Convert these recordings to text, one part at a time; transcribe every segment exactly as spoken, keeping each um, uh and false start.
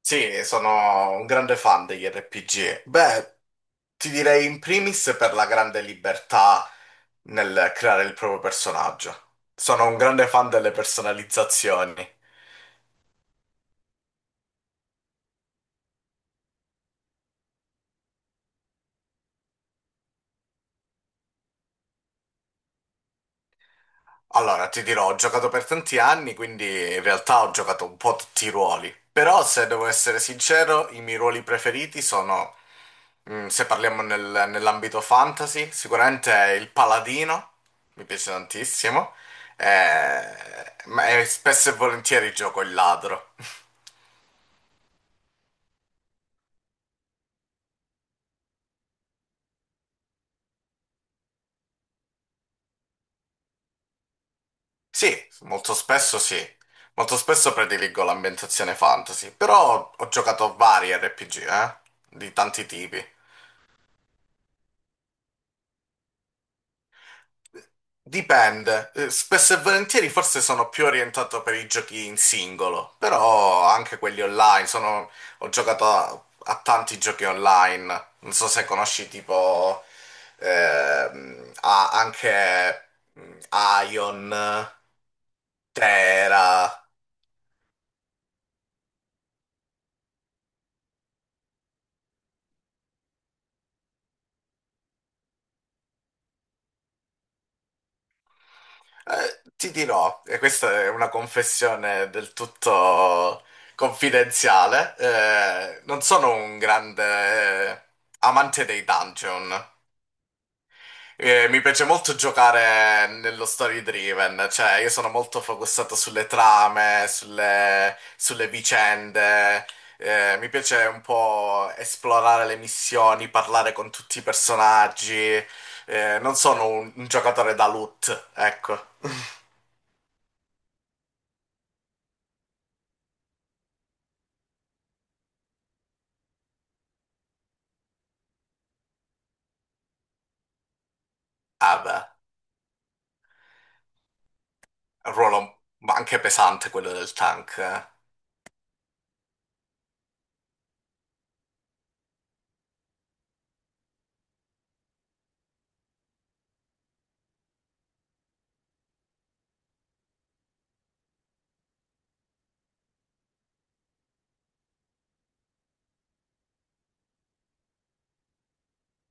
Sì, sono un grande fan degli R P G. Beh, ti direi in primis per la grande libertà nel creare il proprio personaggio. Sono un grande fan delle personalizzazioni. Allora, ti dirò, ho giocato per tanti anni, quindi in realtà ho giocato un po' tutti i ruoli. Però, se devo essere sincero, i miei ruoli preferiti sono, mm, se parliamo nel- nell'ambito fantasy, sicuramente è il paladino, mi piace tantissimo, eh, ma e spesso e volentieri gioco il ladro. Sì, molto spesso sì. Molto spesso prediligo l'ambientazione fantasy, però ho giocato vari R P G, eh, di tanti tipi. Dipende. Eh, spesso e volentieri forse sono più orientato per i giochi in singolo, però anche quelli online, sono- ho giocato a, a tanti giochi online, non so se conosci tipo ehm, a- anche mm, Ion, Terra. Eh, ti dirò, e questa è una confessione del tutto confidenziale, eh, non sono un grande eh, amante dei dungeon. Eh, mi piace molto giocare nello story driven, cioè io sono molto focussato sulle trame, sulle, sulle vicende, eh, mi piace un po' esplorare le missioni, parlare con tutti i personaggi, eh, non sono un, un giocatore da loot, ecco. Ah beh, è un ruolo ma anche pesante quello del tank, eh.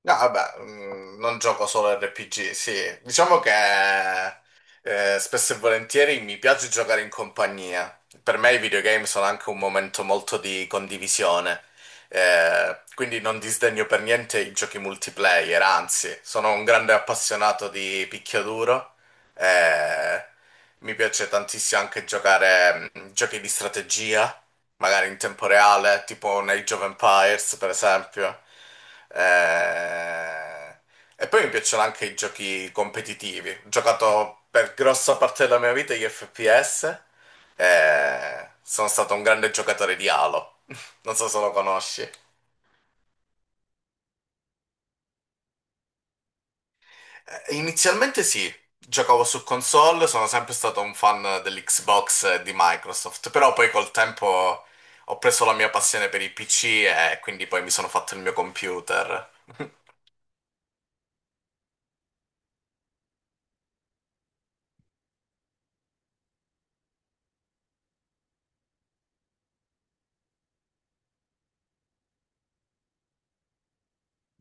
No, vabbè, mm, non gioco solo R P G, sì. Diciamo che eh, spesso e volentieri mi piace giocare in compagnia. Per me i videogame sono anche un momento molto di condivisione. Eh, quindi non disdegno per niente i giochi multiplayer, anzi, sono un grande appassionato di picchiaduro. Eh, Mi piace tantissimo anche giocare mm, giochi di strategia magari in tempo reale, tipo un Age of Empires, per esempio. Eh, E poi mi piacciono anche i giochi competitivi. Ho giocato per grossa parte della mia vita gli F P S e sono stato un grande giocatore di Halo. Non so se lo conosci. Eh inizialmente sì, giocavo su console, sono sempre stato un fan dell'Xbox e di Microsoft, però poi col tempo ho preso la mia passione per i P C e quindi poi mi sono fatto il mio computer.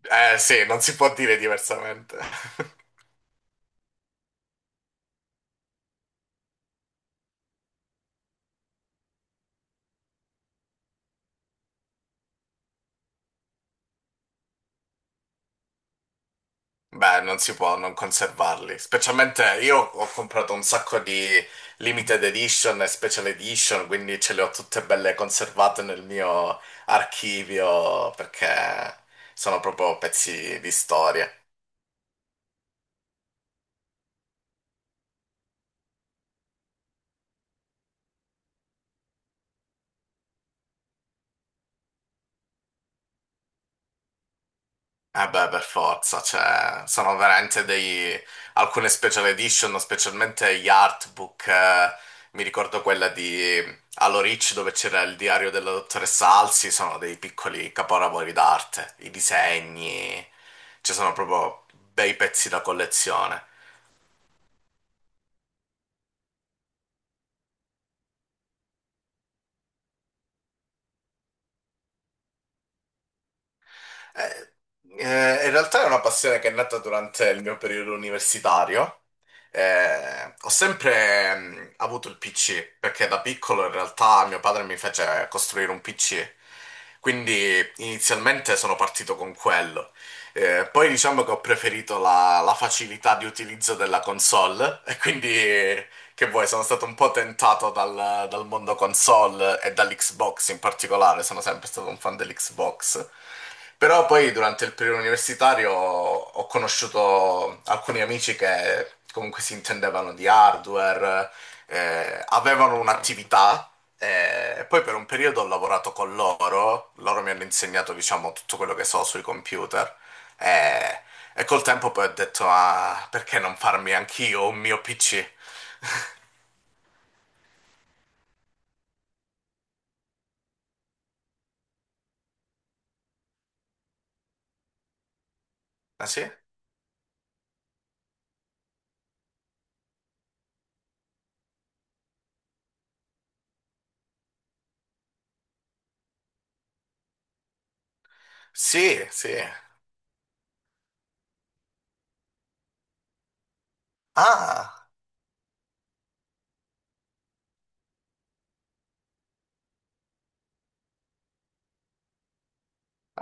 Eh sì, non si può dire diversamente. Beh, non si può non conservarli. Specialmente io ho comprato un sacco di limited edition e special edition, quindi ce le ho tutte belle conservate nel mio archivio perché sono proprio pezzi di storia. Eh beh, per forza, cioè, sono veramente dei... alcune special edition, specialmente gli artbook, eh, mi ricordo quella di Allo Rich dove c'era il diario della dottoressa Alsi, sono dei piccoli capolavori d'arte, i disegni, ci sono proprio bei pezzi da collezione. Eh, eh, In realtà è una passione che è nata durante il mio periodo universitario. Eh, ho sempre mh, avuto il P C, perché da piccolo in realtà mio padre mi fece costruire un P C. Quindi inizialmente sono partito con quello. Eh, poi diciamo che ho preferito la, la facilità di utilizzo della console e quindi che vuoi, sono stato un po' tentato dal, dal mondo console e dall'Xbox in particolare, sono sempre stato un fan dell'Xbox. Però poi durante il periodo universitario ho conosciuto alcuni amici che comunque si intendevano di hardware, eh, avevano un'attività eh, e poi per un periodo ho lavorato con loro, loro mi hanno insegnato diciamo tutto quello che so sui computer, eh, e col tempo poi ho detto ah, perché non farmi anch'io un mio P C? Ah sì? Sì, sì. Ah,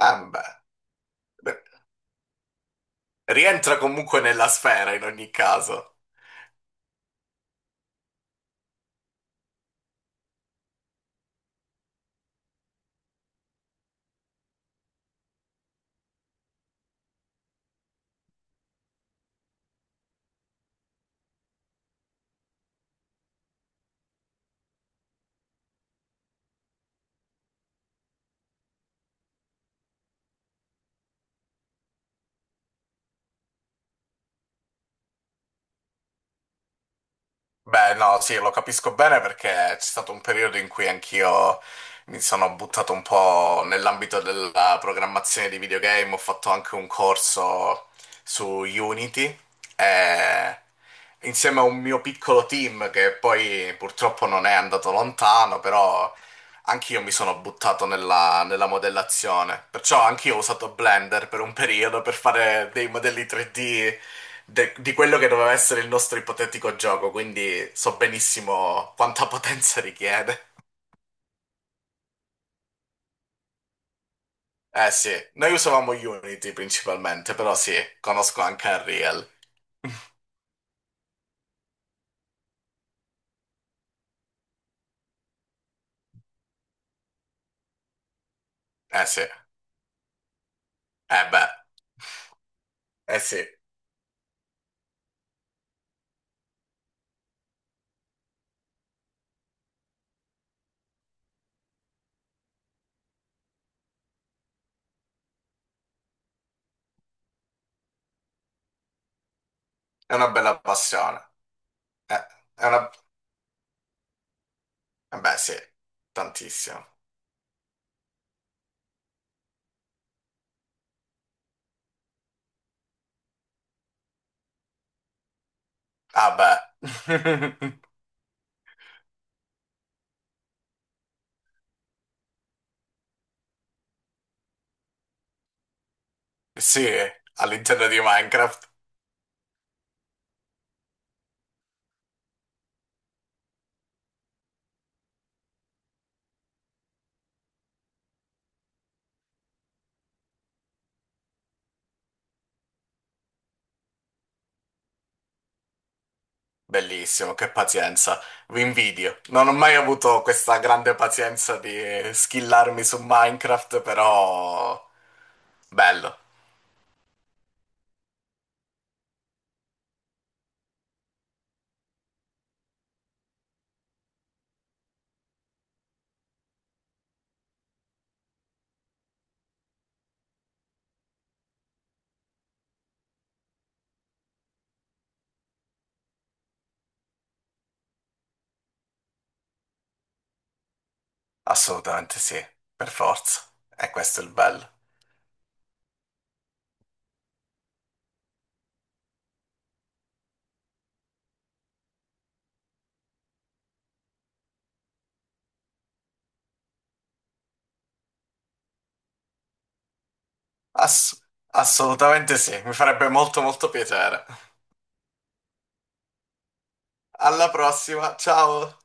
ah, Beh, beh, rientra comunque nella sfera in ogni caso. Beh, no, sì, lo capisco bene perché c'è stato un periodo in cui anch'io mi sono buttato un po' nell'ambito della programmazione di videogame, ho fatto anche un corso su Unity e insieme a un mio piccolo team che poi purtroppo non è andato lontano, però anch'io mi sono buttato nella, nella modellazione, perciò anch'io ho usato Blender per un periodo per fare dei modelli tre D de- di quello che doveva essere il nostro ipotetico gioco, quindi so benissimo quanta potenza richiede. Eh sì, noi usavamo Unity principalmente, però sì, conosco anche Unreal. Eh sì, eh beh, eh sì, è una bella passione. Eh, è una... eh beh sì, tantissimo. Ah beh, sì, all'interno di Minecraft. Bellissimo, che pazienza, vi invidio. Non ho mai avuto questa grande pazienza di skillarmi su Minecraft, però bello, assolutamente sì, per forza. E questo è il bello. Ass- assolutamente sì, mi farebbe molto molto piacere. Alla prossima, ciao!